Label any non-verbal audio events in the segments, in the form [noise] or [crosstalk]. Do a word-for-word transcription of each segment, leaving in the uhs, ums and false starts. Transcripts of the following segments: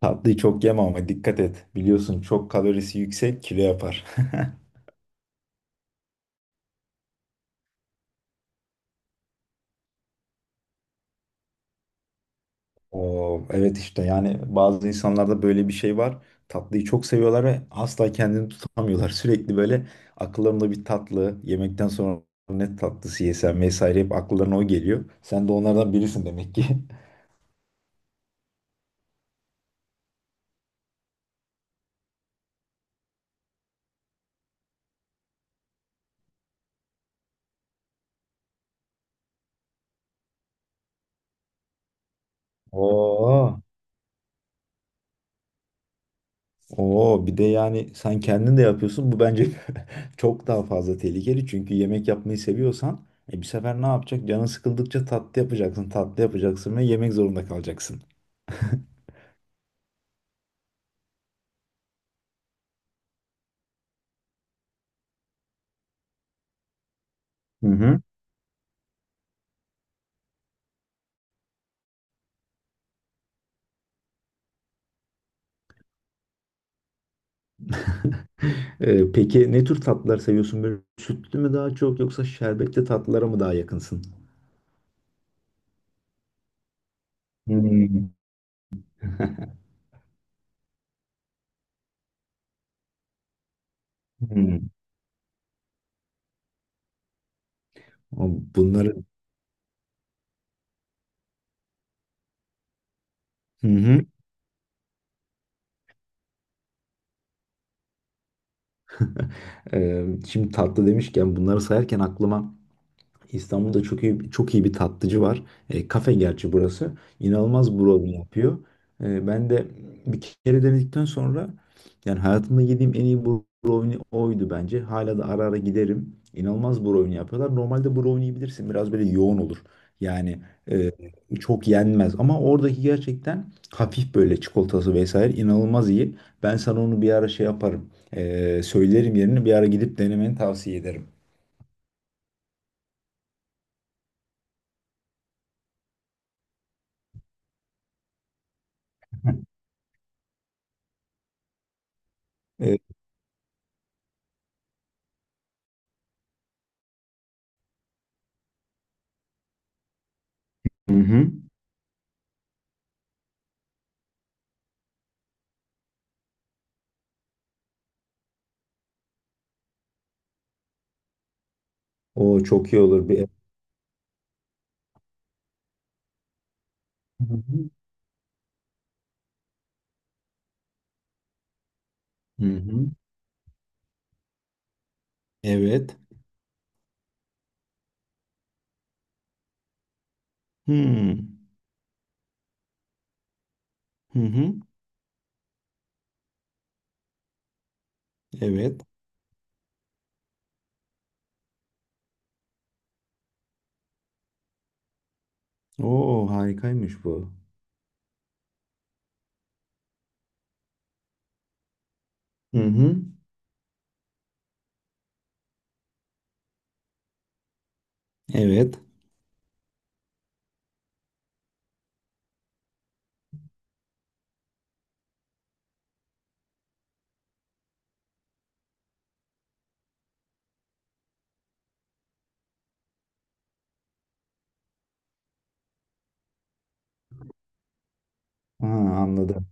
Tatlıyı çok yeme ama dikkat et. Biliyorsun çok kalorisi yüksek kilo yapar. [laughs] Oo, evet işte yani bazı insanlarda böyle bir şey var. Tatlıyı çok seviyorlar ve asla kendini tutamıyorlar. [laughs] Sürekli böyle akıllarında bir tatlı, yemekten sonra ne tatlısı yesem vesaire hep akıllarına o geliyor. Sen de onlardan birisin demek ki. [laughs] Oo. Oo, bir de yani sen kendin de yapıyorsun. Bu bence [laughs] çok daha fazla tehlikeli. Çünkü yemek yapmayı seviyorsan e, bir sefer ne yapacak? Canın sıkıldıkça tatlı yapacaksın, tatlı yapacaksın ve yemek zorunda kalacaksın. Hı hı. [laughs] Ee, peki ne tür tatlılar seviyorsun? Böyle sütlü mü daha çok yoksa şerbetli tatlılara mı daha yakınsın? Hmm. [laughs] Hmm. O- Bunları hı hı. Ee, şimdi tatlı demişken bunları sayarken aklıma İstanbul'da çok iyi çok iyi bir tatlıcı var. E, kafe gerçi burası. İnanılmaz brownie yapıyor. E, ben de bir kere denedikten sonra yani hayatımda yediğim en iyi brownie oydu bence. Hala da ara ara giderim. İnanılmaz brownie yapıyorlar. Normalde brownie bilirsin biraz böyle yoğun olur. Yani e, çok yenmez ama oradaki gerçekten hafif böyle çikolatası vesaire inanılmaz iyi. Ben sana onu bir ara şey yaparım. E, söylerim yerini bir ara gidip denemeni tavsiye ederim. E, Hı hı. O çok iyi olur bir. Hı hı. Hı hı. Evet. Hmm. Hı hı. Evet. Oo, harikaymış bu. Hı hı. Evet. Ha, anladım.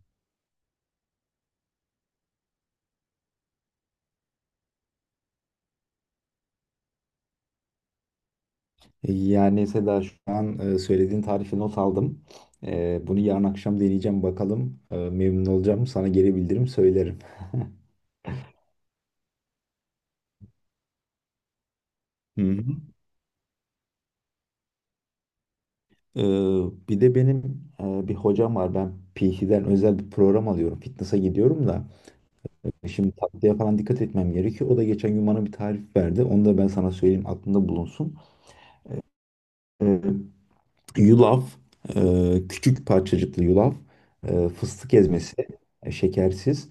E, Yani Seda şu an e, söylediğin tarifi not aldım. E, bunu yarın akşam deneyeceğim bakalım. E, memnun olacağım. Sana geri bildiririm söylerim. Hı hı. E, bir de benim e, bir hocam var. Ben P T'den özel bir program alıyorum. Fitness'a gidiyorum da. E, Şimdi tatlıya falan dikkat etmem gerekiyor. O da geçen gün bana bir tarif verdi. Onu da ben sana söyleyeyim aklında bulunsun. Ee, Yulaf, e, küçük parçacıklı yulaf, e, fıstık ezmesi, e, şekersiz.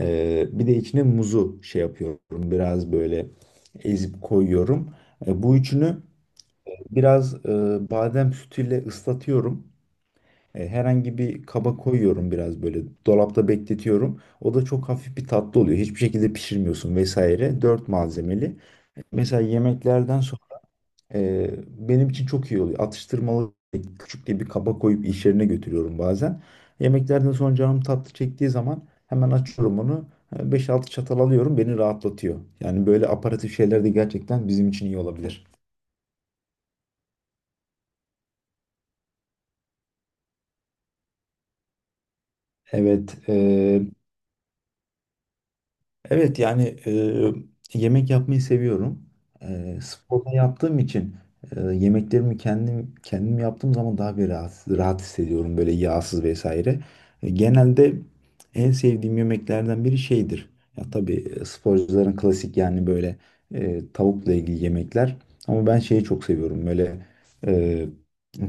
E, bir de içine muzu şey yapıyorum. Biraz böyle ezip koyuyorum. E, bu üçünü biraz e, badem sütüyle ıslatıyorum. E, herhangi bir kaba koyuyorum biraz böyle dolapta bekletiyorum. O da çok hafif bir tatlı oluyor. Hiçbir şekilde pişirmiyorsun vesaire. Dört malzemeli. Mesela yemeklerden sonra e, benim için çok iyi oluyor. Atıştırmalık küçük diye bir kaba koyup iş yerine götürüyorum bazen. Yemeklerden sonra canım tatlı çektiği zaman hemen açıyorum onu. E, Beş altı çatal alıyorum beni rahatlatıyor. Yani böyle aparatif şeyler de gerçekten bizim için iyi olabilir. Evet, e, evet yani e, yemek yapmayı seviyorum. E, sporda yaptığım için e, yemeklerimi kendim kendim yaptığım zaman daha bir rahat, rahat hissediyorum böyle yağsız vesaire. E, genelde en sevdiğim yemeklerden biri şeydir. Ya tabii e, sporcuların klasik yani böyle e, tavukla ilgili yemekler. Ama ben şeyi çok seviyorum böyle e,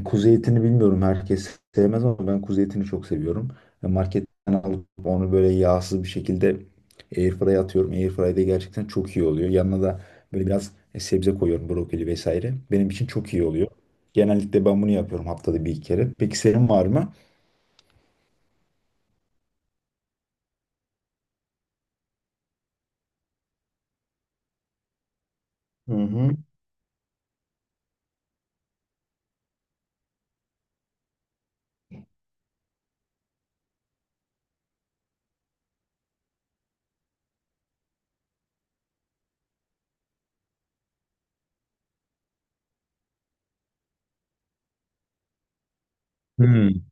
kuzu etini bilmiyorum herkes sevmez ama ben kuzu etini çok seviyorum. E, Marketten alıp onu böyle yağsız bir şekilde Airfryer'a atıyorum. Airfryer'de gerçekten çok iyi oluyor. Yanına da böyle biraz e, sebze koyuyorum. Brokoli vesaire. Benim için çok iyi oluyor. Genellikle ben bunu yapıyorum haftada bir iki kere. Peki senin var mı? Hı hı. Hmm.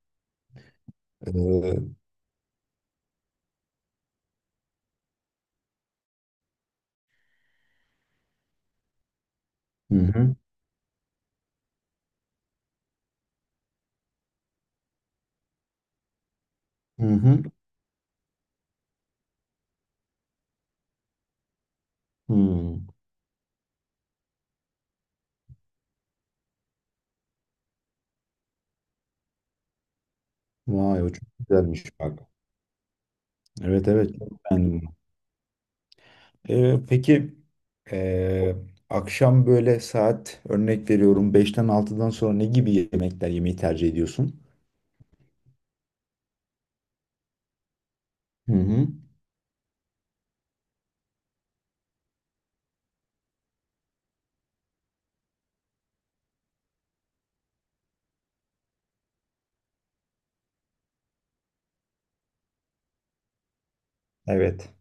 Ee, hı hı. Hı hı. Hmm. Vay, o çok güzelmiş bak. Evet, evet, çok beğendim bunu. Ee, peki ee, akşam böyle saat örnek veriyorum beşten altıdan sonra ne gibi yemekler yemeyi tercih ediyorsun? Hı hı. Evet.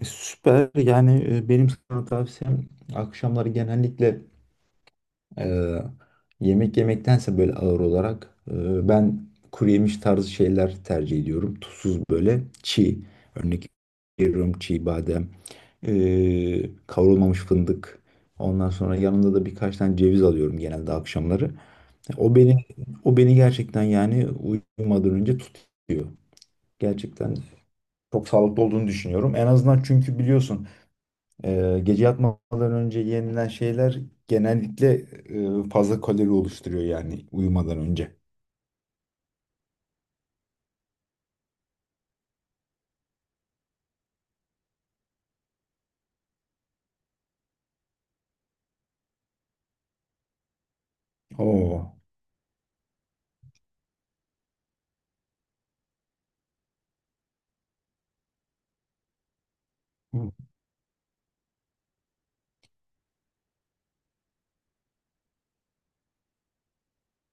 E, Süper. Yani e, benim sana tavsiyem akşamları genellikle e, yemek yemektense böyle ağır olarak e, ben kuru yemiş tarzı şeyler tercih ediyorum. Tuzsuz böyle çiğ. Örnek veriyorum çiğ badem, e, kavrulmamış fındık. Ondan sonra yanında da birkaç tane ceviz alıyorum genelde akşamları. O beni o beni gerçekten yani uyumadan önce tutuyor. Gerçekten çok sağlıklı olduğunu düşünüyorum. En azından çünkü biliyorsun ee, gece yatmadan önce yenilen şeyler genellikle e, fazla kalori oluşturuyor yani uyumadan önce. Oo.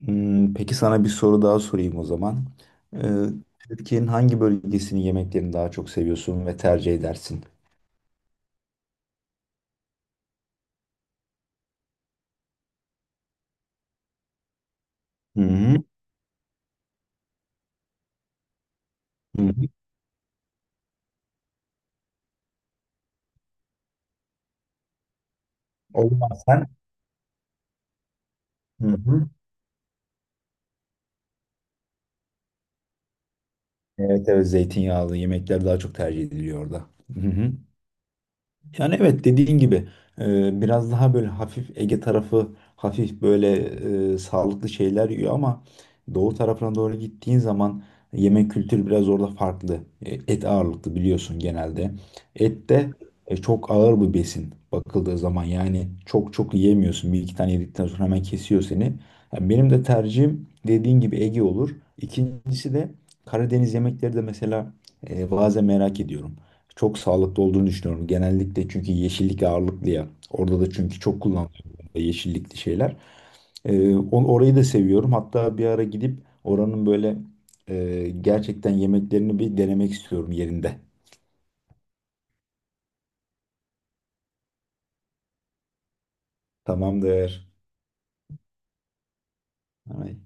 Hmm, peki sana bir soru daha sorayım o zaman. Ee, Türkiye'nin hangi bölgesinin yemeklerini daha çok seviyorsun ve tercih edersin? Hı hı. Hı hı. O zaman sen. Hı hı. Evet, evet, zeytinyağlı yemekler daha çok tercih ediliyor orada. Hı hı. Yani evet dediğin gibi e, biraz daha böyle hafif Ege tarafı hafif böyle e, sağlıklı şeyler yiyor ama Doğu tarafına doğru gittiğin zaman yemek kültürü biraz orada farklı. E, Et ağırlıklı biliyorsun genelde. Et de e, çok ağır bir besin bakıldığı zaman yani çok çok yiyemiyorsun. Bir iki tane yedikten sonra hemen kesiyor seni. Yani benim de tercihim dediğin gibi Ege olur. İkincisi de Karadeniz yemekleri de mesela e, bazen merak ediyorum. Çok sağlıklı olduğunu düşünüyorum. Genellikle çünkü yeşillik ağırlıklı ya. Orada da çünkü çok kullanılıyor yeşillikli şeyler. Ee, on- orayı da seviyorum. Hatta bir ara gidip oranın böyle e, gerçekten yemeklerini bir denemek istiyorum yerinde. Tamamdır. Ay.